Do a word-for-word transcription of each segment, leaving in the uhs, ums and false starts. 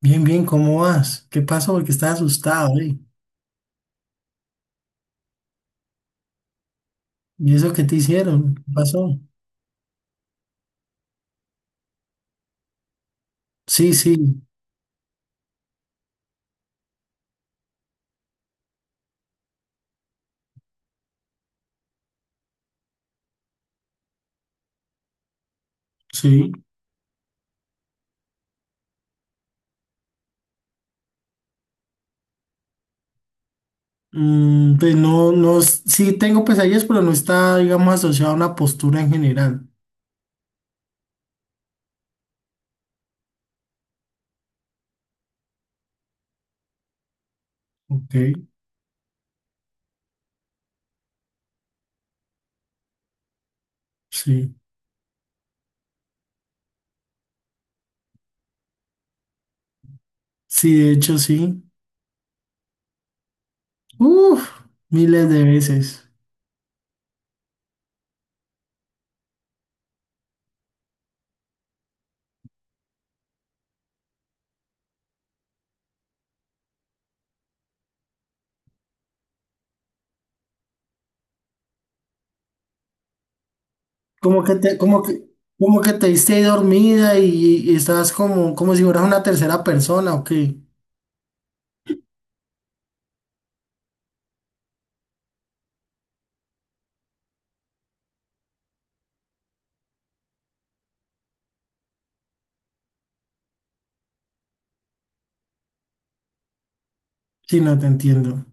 Bien, bien, ¿cómo vas? ¿Qué pasó? Porque estás asustado, ¿eh? ¿Y eso qué te hicieron? ¿Qué pasó? Sí, sí, sí. Mm, pues no, no, es- sí tengo pesadillas, pero no está, digamos, asociado a una postura en general. Ok, sí. Sí, de hecho, sí. Uf, miles de veces. Como que te, como que, como que te diste dormida y, y estabas como, como si fueras una tercera persona, ok. Sí, no te entiendo.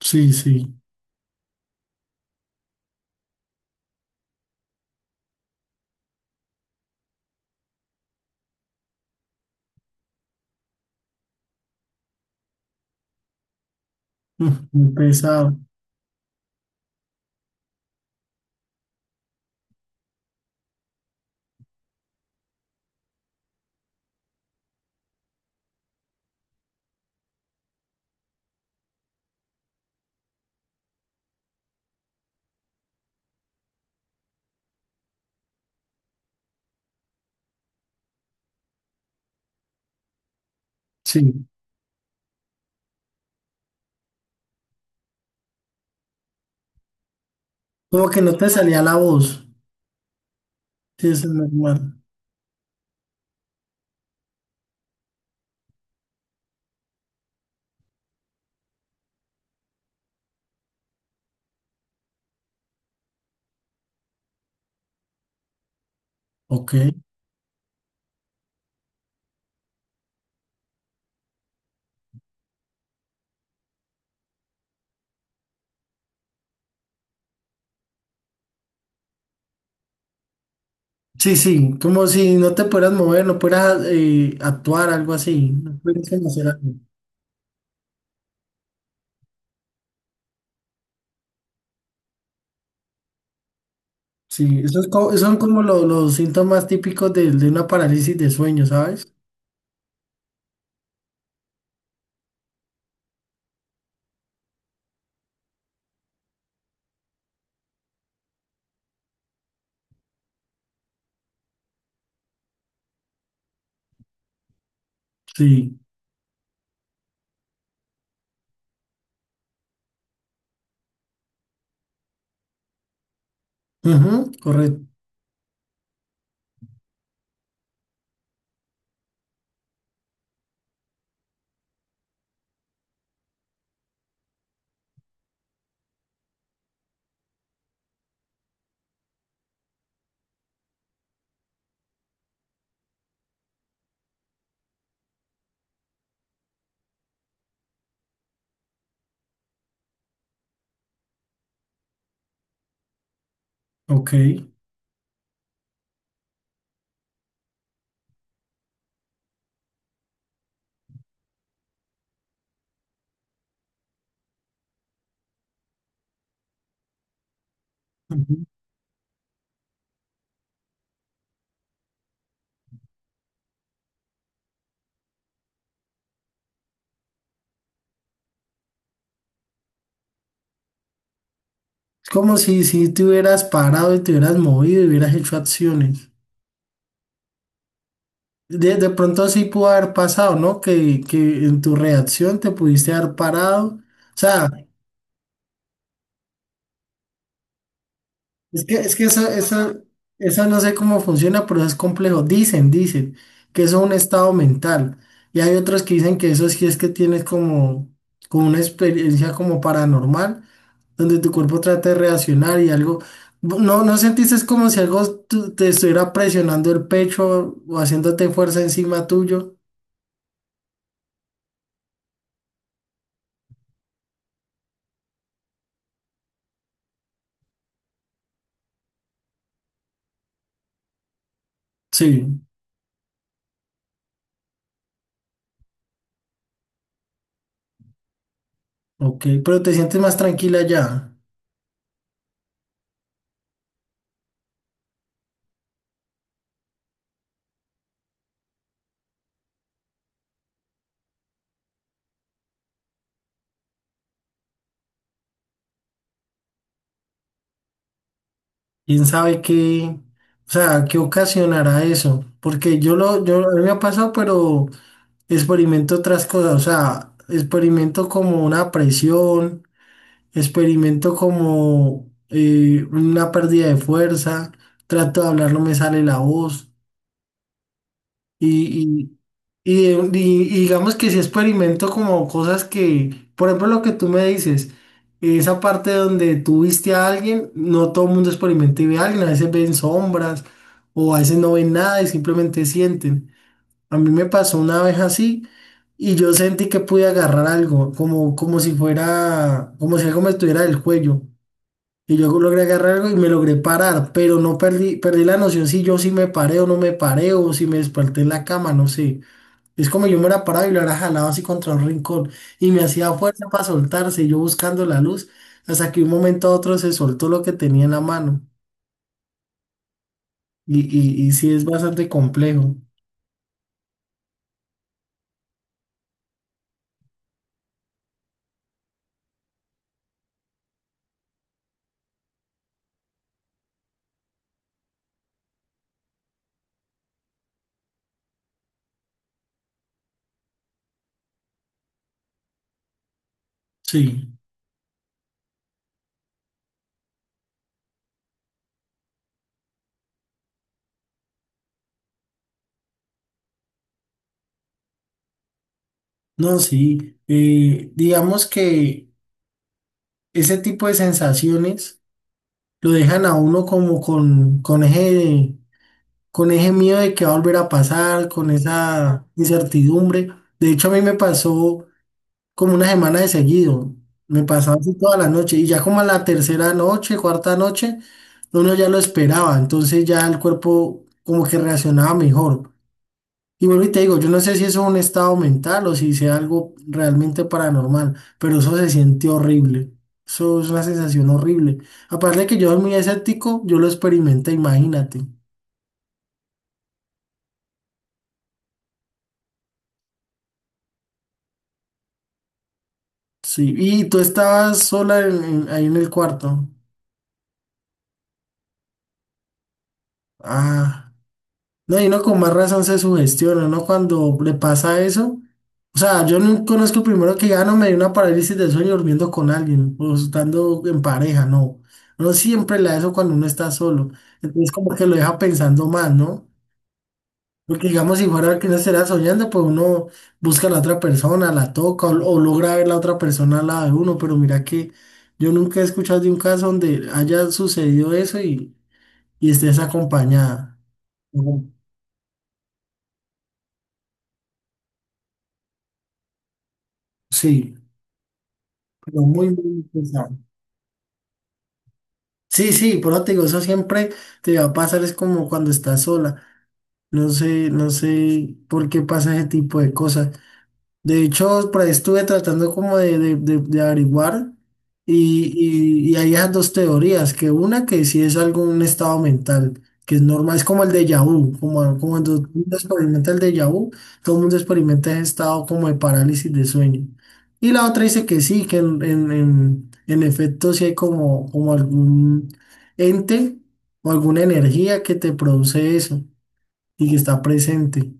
Sí, sí. Uf, muy pesado. Sí. Como que no te salía la voz. Sí, eso es normal. Ok. Sí, sí, como si no te pudieras mover, no pudieras eh, actuar, algo así. No pudieras como hacer algo. Sí, eso es co- son como lo- los síntomas típicos de, de una parálisis de sueño, ¿sabes? Sí. Ujú, correcto. Ok. Ujú. Es como si, si te hubieras parado y te hubieras movido y hubieras hecho acciones. De, de pronto sí pudo haber pasado, ¿no? Que, que en tu reacción te pudiste haber parado. O sea, es que, es que esa, esa, esa no sé cómo funciona, pero es complejo. Dicen, dicen que eso es un estado mental. Y hay otros que dicen que eso sí es que tienes como, como una experiencia como paranormal, donde tu cuerpo trata de reaccionar y algo. No, no sentiste es como si algo tu- te estuviera presionando el pecho o haciéndote fuerza encima tuyo. Sí, ok, pero te sientes más tranquila ya. ¿Quién sabe qué, o sea, qué ocasionará eso? Porque yo lo, yo, a mí me ha pasado, pero experimento otras cosas, o sea, experimento como una presión, experimento como eh, una pérdida de fuerza, trato de hablar, no me sale la voz, y y, de y- y digamos que si experimento como cosas que, por ejemplo, lo que tú me dices, esa parte donde tú viste a alguien, no todo el mundo experimenta y ve a alguien, a veces ven sombras o a veces no ven nada y simplemente sienten. A mí me pasó una vez así y yo sentí que pude agarrar algo, como, como si fuera, como si algo me estuviera del cuello. Y yo logré agarrar algo y me logré parar, pero no perdí, perdí la noción si yo sí me paré o no me paré o si me desperté en la cama, no sé. Es como yo me hubiera parado y lo hubiera jalado así contra un rincón y me hacía fuerza para soltarse, y yo buscando la luz, hasta que de un momento a otro se soltó lo que tenía en la mano. Y, y, y sí es bastante complejo. Sí, no, sí. Eh, digamos que ese tipo de sensaciones lo dejan a uno como con, con eje, con eje miedo de que va a volver a pasar, con esa incertidumbre. De hecho, a mí me pasó como una semana de seguido. Me pasaba así toda la noche y ya como a la tercera noche, cuarta noche, uno ya lo esperaba, entonces ya el cuerpo como que reaccionaba mejor. Y vuelvo y te digo, yo no sé si eso es un estado mental o si sea algo realmente paranormal, pero eso se siente horrible. Eso es una sensación horrible. Aparte de que yo soy muy escéptico, yo lo experimenté, imagínate. Sí, y tú estabas sola en- en- ahí en el cuarto. Ah. No, y uno con más razón se sugestiona, ¿no? Cuando le pasa eso. O sea, yo no conozco primero que ya no me dio una parálisis del sueño durmiendo con alguien o estando en pareja, no. Uno siempre la da eso cuando uno está solo. Entonces como que lo deja pensando más, ¿no? Porque digamos, si fuera que uno estará soñando, pues uno busca a la otra persona, la toca o, o logra ver la otra persona al lado de uno. Pero mira que yo nunca he escuchado de un caso donde haya sucedido eso y, y estés acompañada. Ujú. Sí. Pero muy, muy interesante. Sí, sí, por eso te digo, eso siempre te va a pasar, es como cuando estás sola. No sé, no sé por qué pasa ese tipo de cosas. De hecho, por ahí estuve tratando como de, de- de- de averiguar y, y- y hay esas dos teorías, que una que sí es algo un estado mental, que es normal, es como el déjà vu, como, como cuando todo el mundo experimenta el déjà vu, todo el mundo experimenta ese estado como de parálisis de sueño. Y la otra dice que sí, que en, en, en- en efecto sí hay como, como algún ente o alguna energía que te produce eso y que está presente.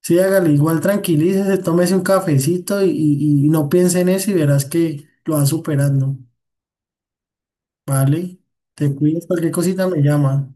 Sí, hágale, igual tranquilícese, tómese un cafecito y, y- y no piense en eso y verás que lo va superando. Vale, te cuidas, cualquier cosita me llama.